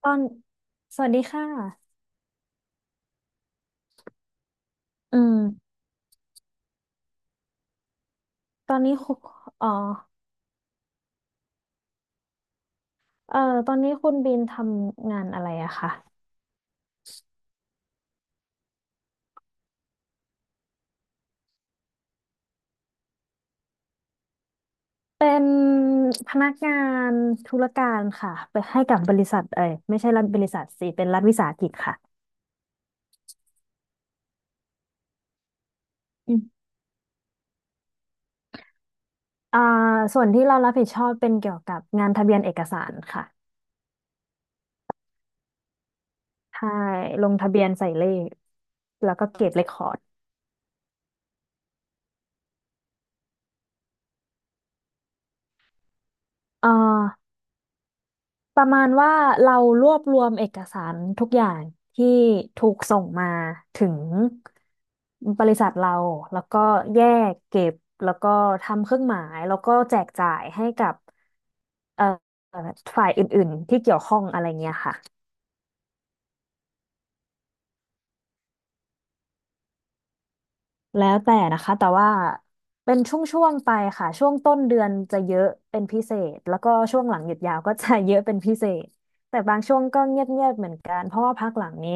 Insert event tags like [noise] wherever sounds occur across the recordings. ตอนสวัสดีค่ะ อืมตอนนี้คุณอ๋อเอ่อตอนนี้คุณบีมทำงานอะไรอะคะเป็นพนักงานธุรการค่ะไปให้กับบริษัทเอ้ยไม่ใช่รัฐบริษัทสิเป็นรัฐวิสาหกิจค่ะอืมอ่าส่วนที่เรารับผิดชอบเป็นเกี่ยวกับงานทะเบียนเอกสารค่ะใช่ลงทะเบียนใส่เลข แล้วก็เก็บเรคคอร์ดเอ่อ ประมาณว่าเรารวบรวมเอกสารทุกอย่างที่ถูกส่งมาถึงบริษัทเราแล้วก็แยกเก็บแล้วก็ทำเครื่องหมายแล้วก็แจกจ่ายให้กับเอ่อฝ่าย แล้วแต่นะคะแต่ว่าเป็นช่วงๆไปค่ะช่วงต้นเดือนจะเยอะเป็นพิเศษแล้วก็ช่วงหลังหยุดยาวก็จะเยอะเป็นพิเศษแต่บางช่วงก็เงียบๆเหมือนกันเพราะว่าพักหลังนี้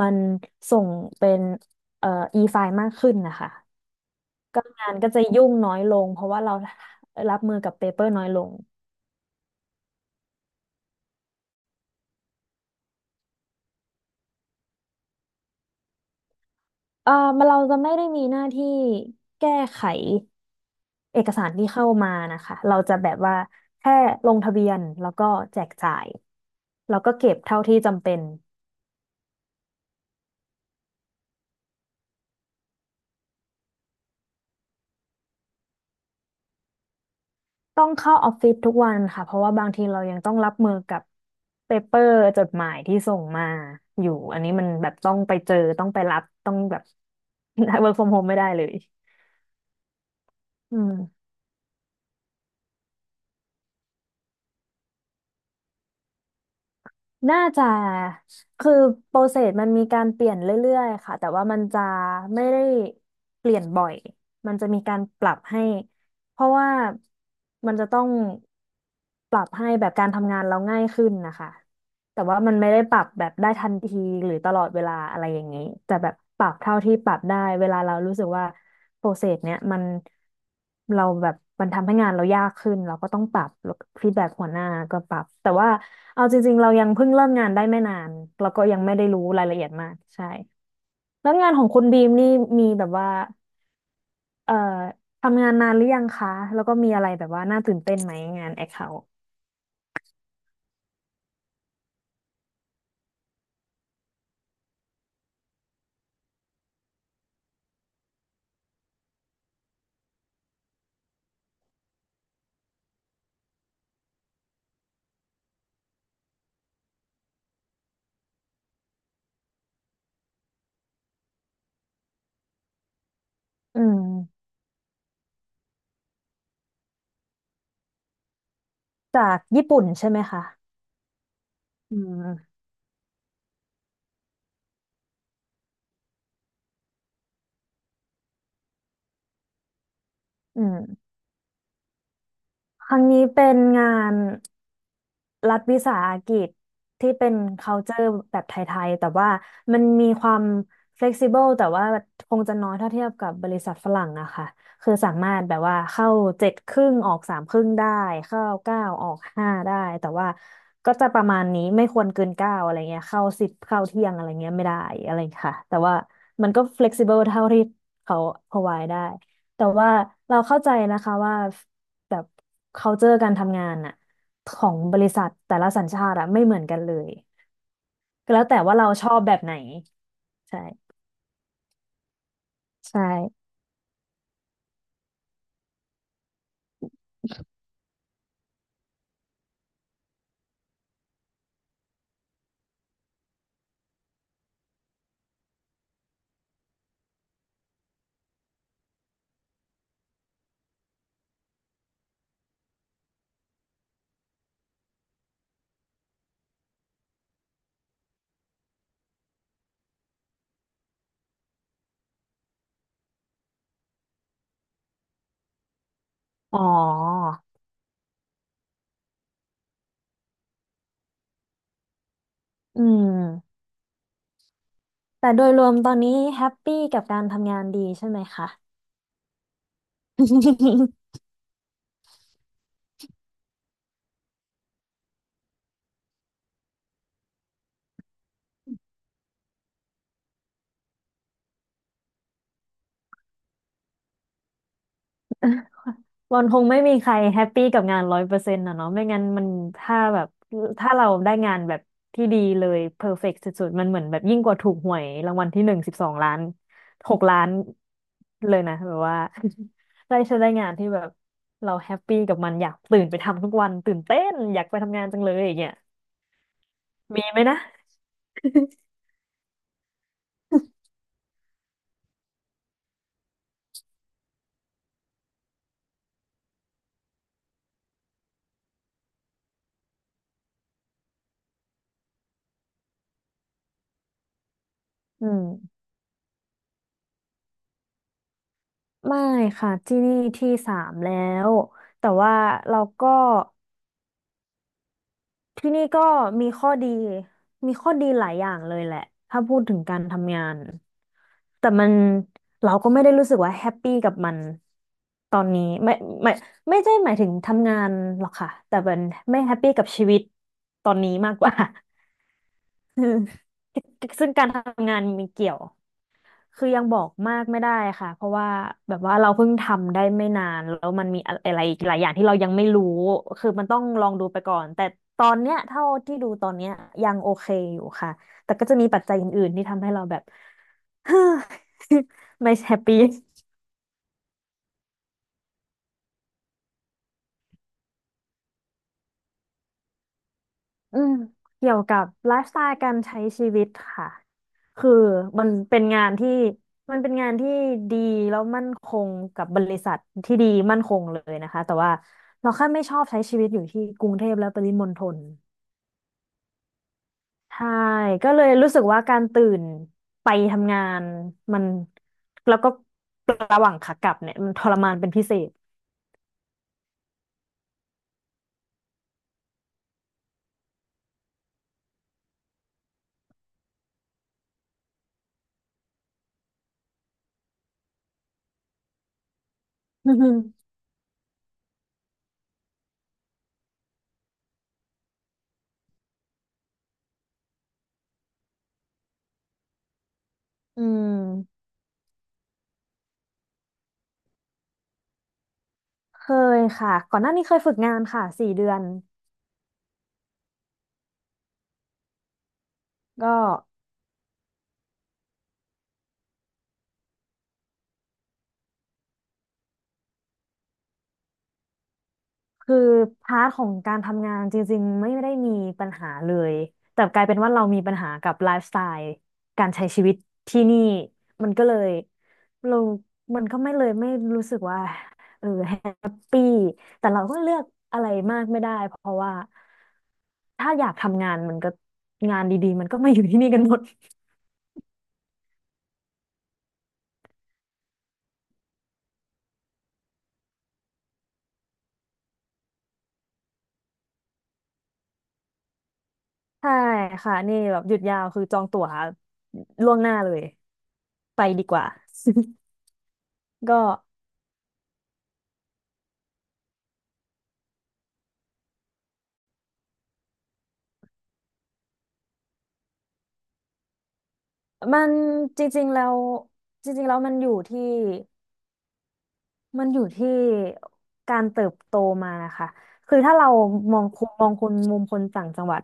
มันส่งเป็นเอ่อ e-file มากขึ้นนะคะก็งานก็จะยุ่งน้อยลงเพราะว่าเรารับมือกับเปเปอร์น้อยลง เออมันเราจะไม่ได้มีหน้าที่แก้ไขเอกสารที่เข้ามานะคะ เราจะแบบว่าแค่ลงทะเบียนแล้วก็แจกจ่ายแล้วก็เก็บเท่าที่จำเป็นต้องเข้าออฟฟิศทุกวันค่ะเพราะว่าบางทีเรายังต้องรับมือกับเปเปอร์จดหมายที่ส่งมาอยู่อันนี้มันแบบต้องไปเจอต้องไปรับต้องแบบ [laughs] work from home ไม่ได้เลยอืม น่าจะคือโปรเซสมันมีการเปลี่ยนเรื่อยๆค่ะแต่ว่ามันจะไม่ได้เปลี่ยนบ่อยมันจะมีการปรับให้เพราะว่ามันจะต้องปรับให้แบบการทำงานเราง่ายขึ้นนะคะแต่ว่ามันไม่ได้ปรับแบบได้ทันทีหรือตลอดเวลาอะไรอย่างนี้แต่แบบปรับเท่าที่ปรับได้เวลาเรารู้สึกว่า โปรเซสเนี้ยมันเราแบบมันทำให้งานเรายากขึ้นเราก็ต้องปรับแล้วฟีดแบ็กหัวหน้าก็ปรับแต่ว่าเอาจริงๆเรายังเพิ่งเริ่มงานได้ไม่นานเราก็ยังไม่ได้รู้รายละเอียดมากใช่แล้วงานของคุณบีมนี่มีแบบว่าเอ่อทำงานนานหรือยังคะแล้วก็มีอะไรแบบว่าน่าตื่นเต้นไหมงานแอคเคาท์อืมจากญี่ปุ่นใช่ไหมคะอืมอืมครั้งนี้เป็นงาน รัฐวิสาหกิจที่เป็น culture แบบไทยๆ แต่ว่ามันมีความ flexible แต่ว่าคงจะน้อยถ้าเทียบกับบริษัทฝรั่งนะคะคือสามารถแบบว่าเข้าเจ็ดครึ่งออกสามครึ่งได้ เข้าเก้าออกห้าได้ แต่ว่าก็จะประมาณนี้ไม่ควรเกินเก้าอะไรเงี้ย เข้าสิบเข้าเที่ยงอะไรเงี้ยไม่ได้อะไรค่ะแต่ว่ามันก็ flexible เท่าที่เขา provide ได้ แต่ว่าเราเข้าใจนะคะว่าแบบ culture การทำงานน่ะ ของบริษัทแต่ละสัญชาติอะไม่เหมือนกันเลยก็แล้วแต่ว่าเราชอบแบบไหนใช่ใช่อ๋ออืมแต่โดยรวมตอนนี้แฮปปี้กับการทำงานดีใช่ไหมคะ [laughs] มันคงไม่มีใครแฮปปี้กับงาน100%ะเนาะไม่งั้นมันถ้าแบบถ้าเราได้งานแบบที่ดีเลยเพอร์เฟกต์สุดๆมันเหมือนแบบยิ่งกว่าถูกหวยรางวัลที่หนึ่ง12 ล้าน6 ล้านเลยนะแบบว่า [laughs] ได้งานที่แบบเราแฮปปี้กับมันอยากตื่นไปทำทุกวันตื่นเต้นอยากไปทำงานจังเลยอย่างเงี้ยมีไหมนะ [laughs] อืมไม่ค่ะที่นี่ที่สามแล้วแต่ว่าเราก็ ที่นี่ก็มีข้อดีมีข้อดีหลายอย่างเลยแหละถ้าพูดถึงการทำงานแต่มันเราก็ไม่ได้รู้สึกว่าแฮปปี้กับมันตอนนี้ไม่ไม่ไม่ใช่หมายถึงทำงานหรอกค่ะแต่เป็นไม่แฮปปี้กับชีวิตตอนนี้มากกว่า [laughs] เออซึ่งการทำงานมันเกี่ยว คือยังบอกมากไม่ได้ค่ะ เพราะว่าแบบว่าเราเพิ่งทำได้ไม่นานแล้วมันมีอะไรอีกหลายอย่างที่เรายังไม่รู้ คือมันต้องลองดูไปก่อน แต่ตอนเนี้ยเท่าที่ดูตอนเนี้ยยังโอเคอยู่ค่ะ แต่ก็จะมีปัจจัยอื่นๆที่ทำให้เราแบบ [sighs] ไม่แฮปปี้ อืมเกี่ยวกับไลฟ์สไตล์การใช้ชีวิตค่ะคือมันเป็นงานที่มันเป็นงานที่ดีแล้วมั่นคงกับบริษัทที่ดีมั่นคงเลยนะคะแต่ว่าเราแค่ไม่ชอบใช้ชีวิตอยู่ที่กรุงเทพและปริมณฑลใช่ก็เลยรู้สึกว่าการตื่นไปทำงานมันแล้วก็ระหว่างขากลับเนี่ยมันทรมานเป็นพิเศษ [laughs] อืมอืมเคยค่ะก่อนหน้านี้เคยฝึกงานค่ะ4 เดือนก็ คือพาร์ทของการทำงานจริงๆไม่ได้มีปัญหาเลยแต่กลายเป็นว่าเรามีปัญหากับไลฟ์สไตล์การใช้ชีวิตที่นี่มันก็เลยเรามันก็ไม่เลยไม่รู้สึกว่าแฮปปี้แต่เราก็เลือกอะไรมากไม่ได้เพราะว่าถ้าอยากทำงานมันก็งานดีๆมันก็มาอยู่ที่นี่กันหมด [laughs] ใช่ค่ะนี่แบบหยุดยาวคือจองตั๋วล่วงหน้าเลยไปดีกว่า [laughs] ก็ มันจริงๆแล้วจริงๆแล้วมันอยู่ที่มันอยู่ที่การเติบโตมานะคะคือถ้าเรามองคุณมองคนมุมคนต่างจังหวัด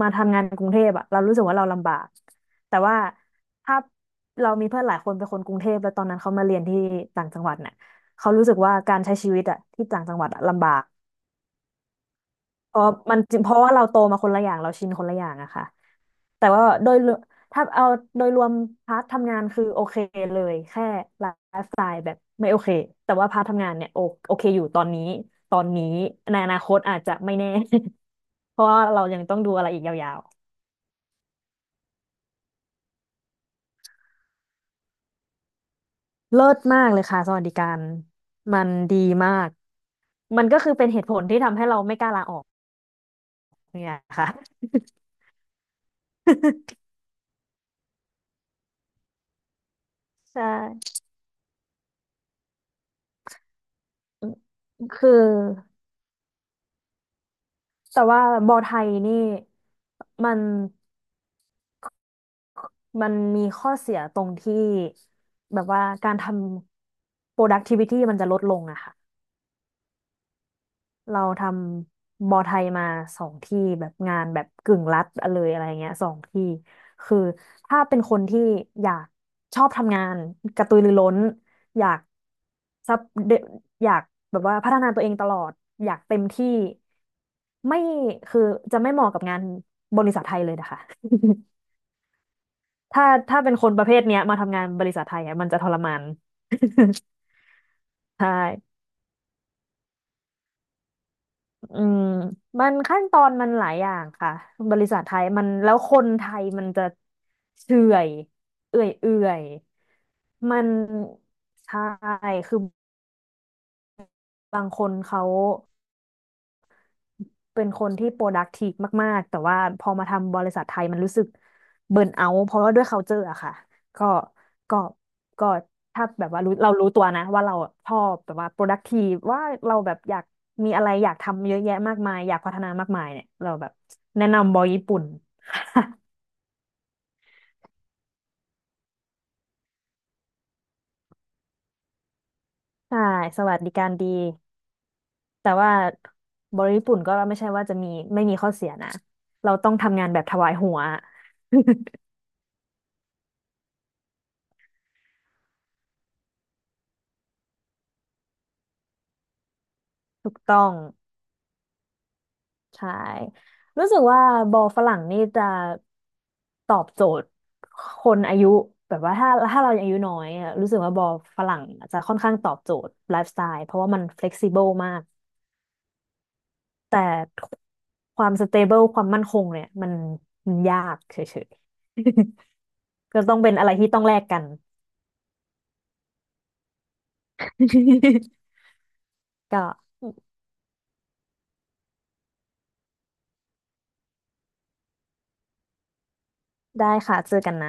มาทำงานกรุงเทพอะเรารู้สึกว่าเราลำบากแต่ว่าถ้าเรามีเพื่อนหลายคนเป็นคนกรุงเทพแล้วตอนนั้นเขามาเรียนที่ต่างจังหวัดเนี่ยเขารู้สึกว่าการใช้ชีวิตอะที่ต่างจังหวัดอะลำบาก เพราะมันจริงเพราะว่าเราโตมาคนละอย่างเราชินคนละอย่างอะค่ะแต่ว่าโดยรวมถ้าเอาโดยรวมพาร์ททำงานคือโอเคเลยแค่ไลฟ์สไตล์แบบไม่โอเคแต่ว่าพาร์ททำงานเนี่ยโอเคอยู่ตอนนี้ตอนนี้ในอนาคตอาจจะไม่แน่ [laughs] เพราะว่าเรายังต้องดูอะไรอีกยาวๆเลิศมากเลยค่ะสวัสดิการมันดีมากมันก็คือเป็นเหตุผลที่ทำให้เราไม่กล้าลาออกเนี่ยค่ะ [laughs] ใช่คือ แต่ว่าบอไทยนี่มันมีข้อเสียตรงที่แบบว่าการทำ productivity มันจะลดลงอะค่ะ เราทำบอไทยมา2 ที่แบบงานแบบกึ่งรัฐเลยอะไรเงี้ยสองที่คือถ้าเป็นคนที่อยากชอบทำงานกระตือรือร้นอยากซับเดอยากแบบว่าพัฒนาตัวเองตลอดอยากเต็มที่ไม่คือจะไม่เหมาะกับงานบริษัทไทยเลยนะคะ [laughs] ถ้าถ้าเป็นคนประเภทเนี้ยมาทำงานบริษัทไทยอ่ะมันจะทรมาน [laughs] ใช่ อืมมันขั้นตอนมันหลายอย่างค่ะ บริษัทไทยมันแล้วคนไทยมันจะเฉื่อยเอื่อยเอื่อยมันใช่คือบางคนเขา เป็นคนที่ productive มากๆแต่ว่าพอมาทำบริษัทไทยมันรู้สึกเบิร์นเอาเพราะว่าด้วย culture อะค่ะก็ก็ก็ถ้าแบบว่าเรารู้ตัวนะว่าเราชอบแบบว่า productive ว่าเราแบบอยากมีอะไรอยากทำเยอะแยะมากมายอยากพัฒนามากมายเนี่ยเราแบบแนะนำบริษัทญี่ปุ่นใช่สวัสดิการดีแต่ว่าบริษัทญี่ปุ่นก็ไม่ใช่ว่าจะมีไม่มีข้อเสียนะเราต้องทำงานแบบถวายหัว [laughs] ถูกต้อง ใช่รู้สึกว่าบอลฝรั่งนี่จะตอบโจทย์คนอายุแบบว่าถ้าเรายังอายุน้อยอะรู้สึกว่าบอลฝรั่งจะค่อนข้างตอบโจทย์ไลฟ์สไตล์เพราะว่ามัน flexible มากแต่ความ stable ความมั่นคงเนี่ยมันยากเฉยๆ [laughs] ก็ต้องเป็นอะไรที่ต้องแลกกัน [laughs] ก็ได้ค่ะเจอกันนะ